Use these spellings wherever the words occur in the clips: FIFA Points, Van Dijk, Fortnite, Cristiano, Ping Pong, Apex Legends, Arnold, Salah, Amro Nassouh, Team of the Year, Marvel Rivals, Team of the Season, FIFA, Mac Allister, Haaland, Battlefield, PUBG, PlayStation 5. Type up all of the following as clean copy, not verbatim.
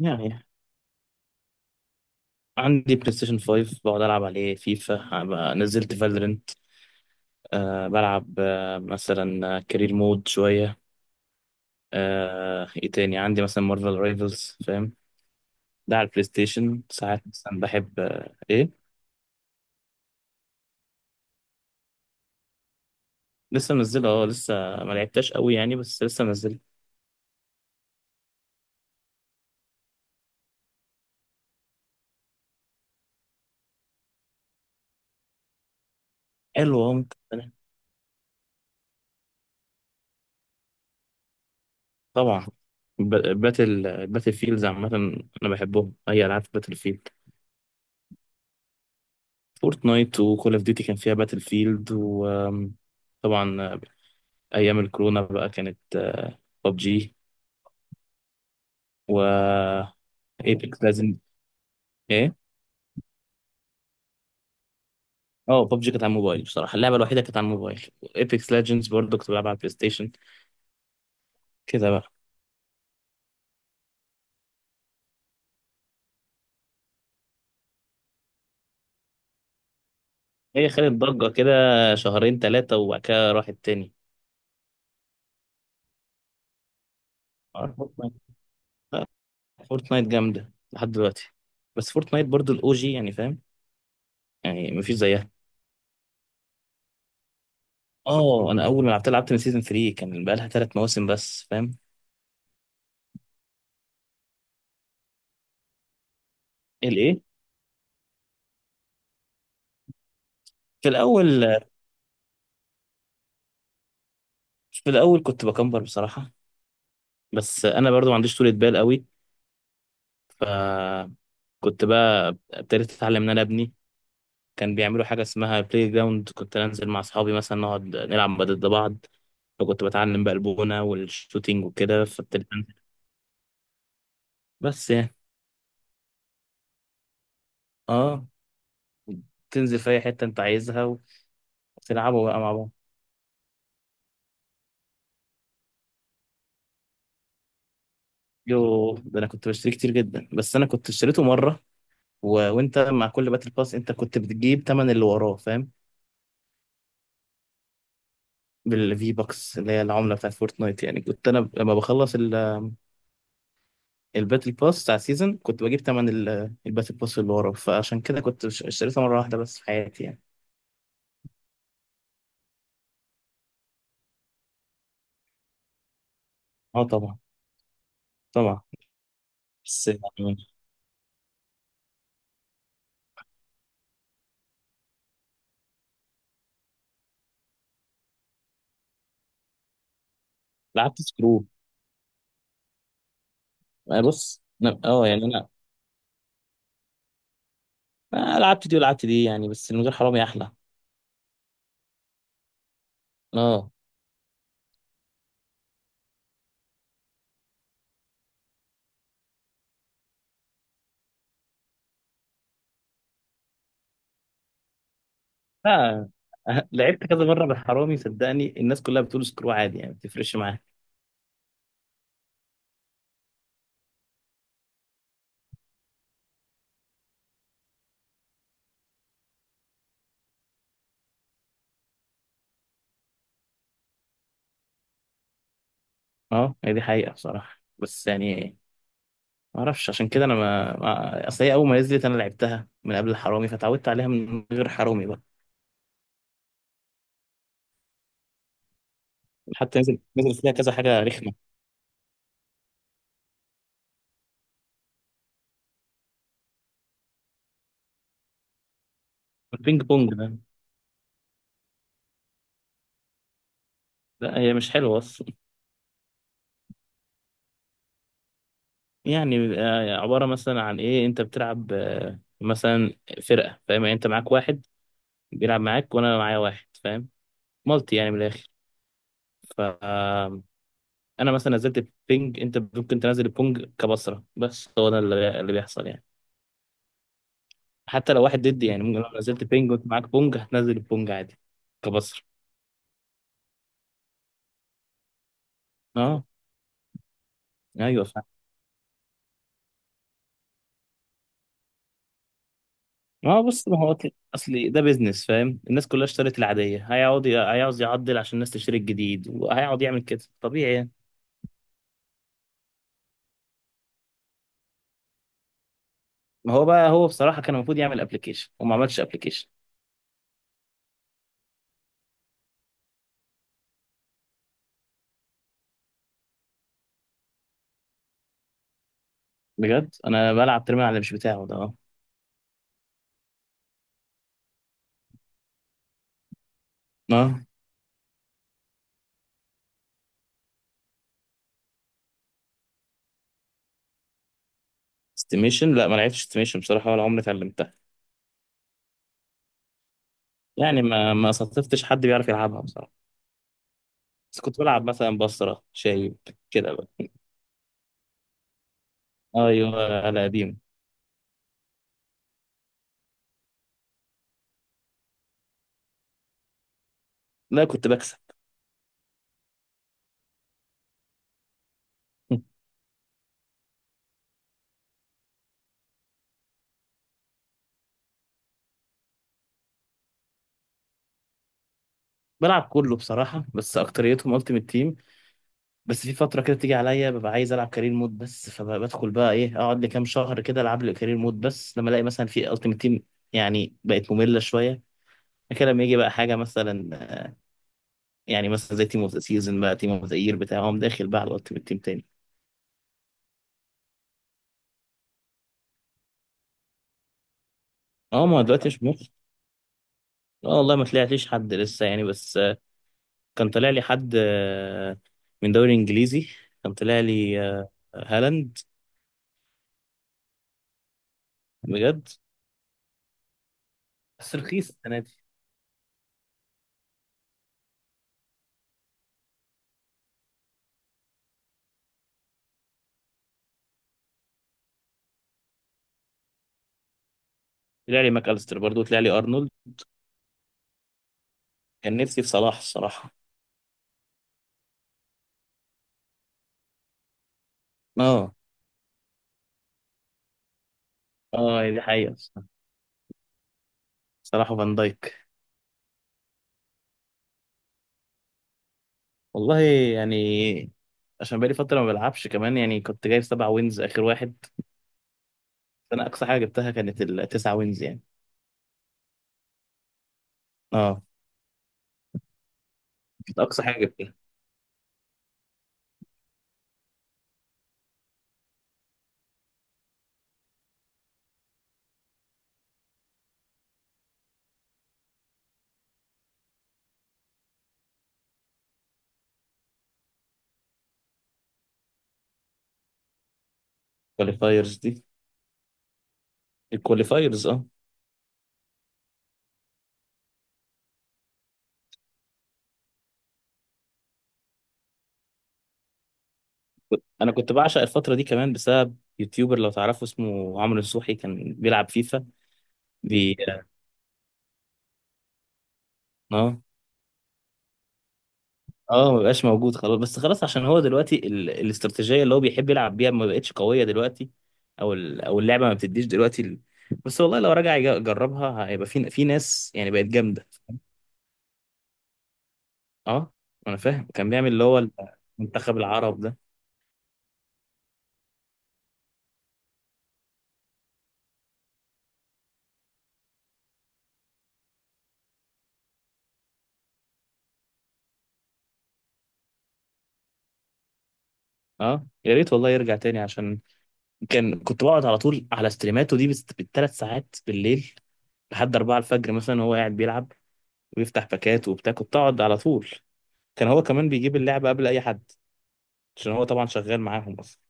يعني عندي بلاي ستيشن 5 بقعد العب عليه فيفا. نزلت فالورنت. بلعب مثلا كارير مود شويه. ايه تاني، عندي مثلا مارفل رايفلز، فاهم؟ ده على البلاي ستيشن. ساعات مثلا بحب ايه. لسه منزله، لسه ما لعبتهاش قوي يعني، بس لسه منزله. حلو، ممكن طبعا، باتل فيلدز عامة. أنا بحبهم أي ألعاب باتل فيلد. فورتنايت وكول أوف ديوتي كان فيها باتل فيلد. وطبعا ايام الكورونا بقى كانت ببجي و ايبكس لازم. ايه؟ اه ببجي كانت على الموبايل بصراحه، اللعبه الوحيده كانت على الموبايل. ايبكس ليجندز برضه كنت بلعبها على البلاي ستيشن. كده بقى. هي خدت ضجه كده شهرين ثلاثه وبعد كده راحت تاني. آه، فورتنايت. آه، فورتنايت جامده لحد دلوقتي. بس فورتنايت برضه الاو جي، يعني فاهم، يعني مفيش زيها. اه، انا اول ما لعبت من سيزون 3، كان بقى لها ثلاث مواسم بس، فاهم. الايه؟ في الاول في الاول كنت بكمبر بصراحه، بس انا برضو ما عنديش طولة بال قوي، فكنت بقى ابتديت اتعلم. ان انا ابني كان بيعملوا حاجه اسمها بلاي جراوند، كنت انزل مع اصحابي مثلا نقعد نلعب ضد بعض، فكنت بتعلم بقى البونه والشوتينج وكده، فابتديت انزل. بس يعني اه، تنزل في اي حته انت عايزها وتلعبوا بقى مع بعض. يو، ده انا كنت بشتري كتير جدا، بس انا كنت اشتريته مره، و... وانت مع كل باتل باس انت كنت بتجيب تمن اللي وراه، فاهم، بالفي بوكس اللي هي العمله بتاعت فورتنايت. يعني كنت انا لما بخلص الباتل باس بتاع سيزون كنت بجيب تمن الباتل باس اللي ورا، فعشان كده كنت اشتريتها مرة واحدة بس في حياتي يعني. اه طبعا. طبعا، بس يعني لعبت سكرو. آه بص، يعني انا آه، لعبت دي ولعبت دي يعني، بس من غير حرامي احلى. اه. لا آه، لعبت كذا مرة بالحرامي، صدقني الناس كلها بتقول سكرو عادي، يعني ما بتفرقش معايا. اه هي دي حقيقة بصراحة، بس يعني ما اعرفش. عشان كده انا اصل هي اول ما نزلت انا لعبتها من قبل الحرامي، فتعودت عليها من غير حرامي بقى. حتى نزل فيها كذا حاجة رخمة. البينج بونج ده؟ لا، هي مش حلوة أصلا. يعني آه، عبارة مثلا عن إيه، أنت بتلعب آه، مثلا فرقة، فاهم يعني، أنت معاك واحد بيلعب معاك وأنا معايا واحد، فاهم، مالتي يعني من الآخر. فأنا مثلا نزلت البينج، أنت ممكن تنزل البونج كبصرة. بس هو ده اللي بيحصل يعني. حتى لو واحد ضدي، يعني ممكن لو نزلت بينج وأنت معاك بونج هتنزل البونج عادي كبصرة. أه أيوه. ما هو بص، ما هو اصل ده بيزنس فاهم، الناس كلها اشترت العاديه، هيقعد هيعوز يعدل عشان الناس تشتري الجديد، وهيقعد يعمل كده طبيعي يعني. ما هو بقى، هو بصراحه كان المفروض يعمل ابلكيشن وما عملش ابلكيشن. بجد انا بلعب ترمي على اللي مش بتاعه ده، اه. اه استيميشن؟ لا ما لعبتش استيميشن بصراحه، ولا عمري اتعلمتها. يعني ما صادفتش حد بيعرف يلعبها بصراحه. بس كنت بلعب مثلا بصره شايب كده بقى. ايوه على قديم. لا كنت بكسب. بلعب كله بصراحه، بس اكتريتهم التيمت تيم. بس في فترة كده تيجي عليا ببقى عايز ألعب كارير مود بس، فبدخل بقى، إيه، أقعد لي كام شهر كده ألعب لي كارير مود بس، لما ألاقي مثلا في ألتيمت تيم يعني بقت مملة شوية كده، لما يجي بقى حاجة مثلا، يعني مثلا زي تيم أوف ذا سيزون بقى، تيم أوف ذا يير بتاع، أقوم داخل بقى على الألتيمت تيم تاني. أه، ما دلوقتي مش مخ. أه والله ما طلعتليش حد لسه يعني، بس آه، كان طالع لي حد آه، من دوري إنجليزي، كان طالع لي آه، هالاند. بجد؟ بس رخيص السنة دي. طلع لي ماك أليستر برضه، طلع لي أرنولد. كان نفسي في صلاح الصراحة. اه. اه دي حقيقة. صراحة فان دايك. والله يعني، عشان بقالي فترة ما بلعبش كمان، يعني كنت جايب سبع وينز آخر واحد. أنا أقصى حاجة جبتها كانت التسع وينز يعني. اه، كانت أقصى حاجة جبتها. الكواليفايرز دي؟ الكواليفايرز، اه. أنا كنت بعشق الفترة دي كمان، بسبب يوتيوبر لو تعرفه، اسمه عمرو نصوحي، كان بيلعب فيفا. بي. اه آه. اه، ما بقاش موجود خلاص، بس خلاص عشان هو دلوقتي الاستراتيجيه اللي هو بيحب يلعب بيها ما بقتش قويه دلوقتي، او او اللعبه ما بتديش دلوقتي بس والله لو رجع يجربها هيبقى، في ناس يعني بقت جامده. اه، انا فاهم كان بيعمل اللي هو المنتخب العرب ده. اه يا ريت والله يرجع تاني، عشان كان كنت بقعد على طول على ستريماته دي، بس بالثلاث ساعات بالليل لحد 4 الفجر مثلا، وهو قاعد بيلعب ويفتح باكات وبتاع، كنت اقعد على طول. كان هو كمان بيجيب اللعبه قبل اي حد، عشان هو طبعا شغال معاهم أصلا.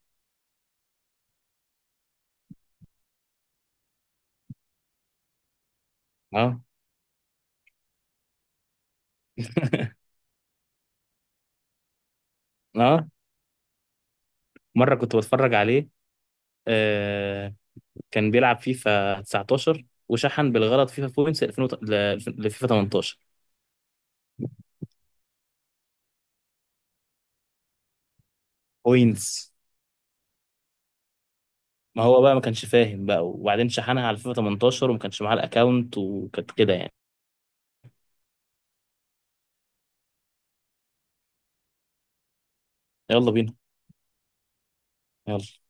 اه. اه مره كنت بتفرج عليه، آه، كان بيلعب فيفا 19 وشحن بالغلط فيفا بوينتس 2000 لفيفا 18 بوينتس. ما هو بقى ما كانش فاهم بقى، وبعدين شحنها على فيفا 18 وما كانش معاه الاكونت، وكانت كده يعني. يلا بينا. يلا.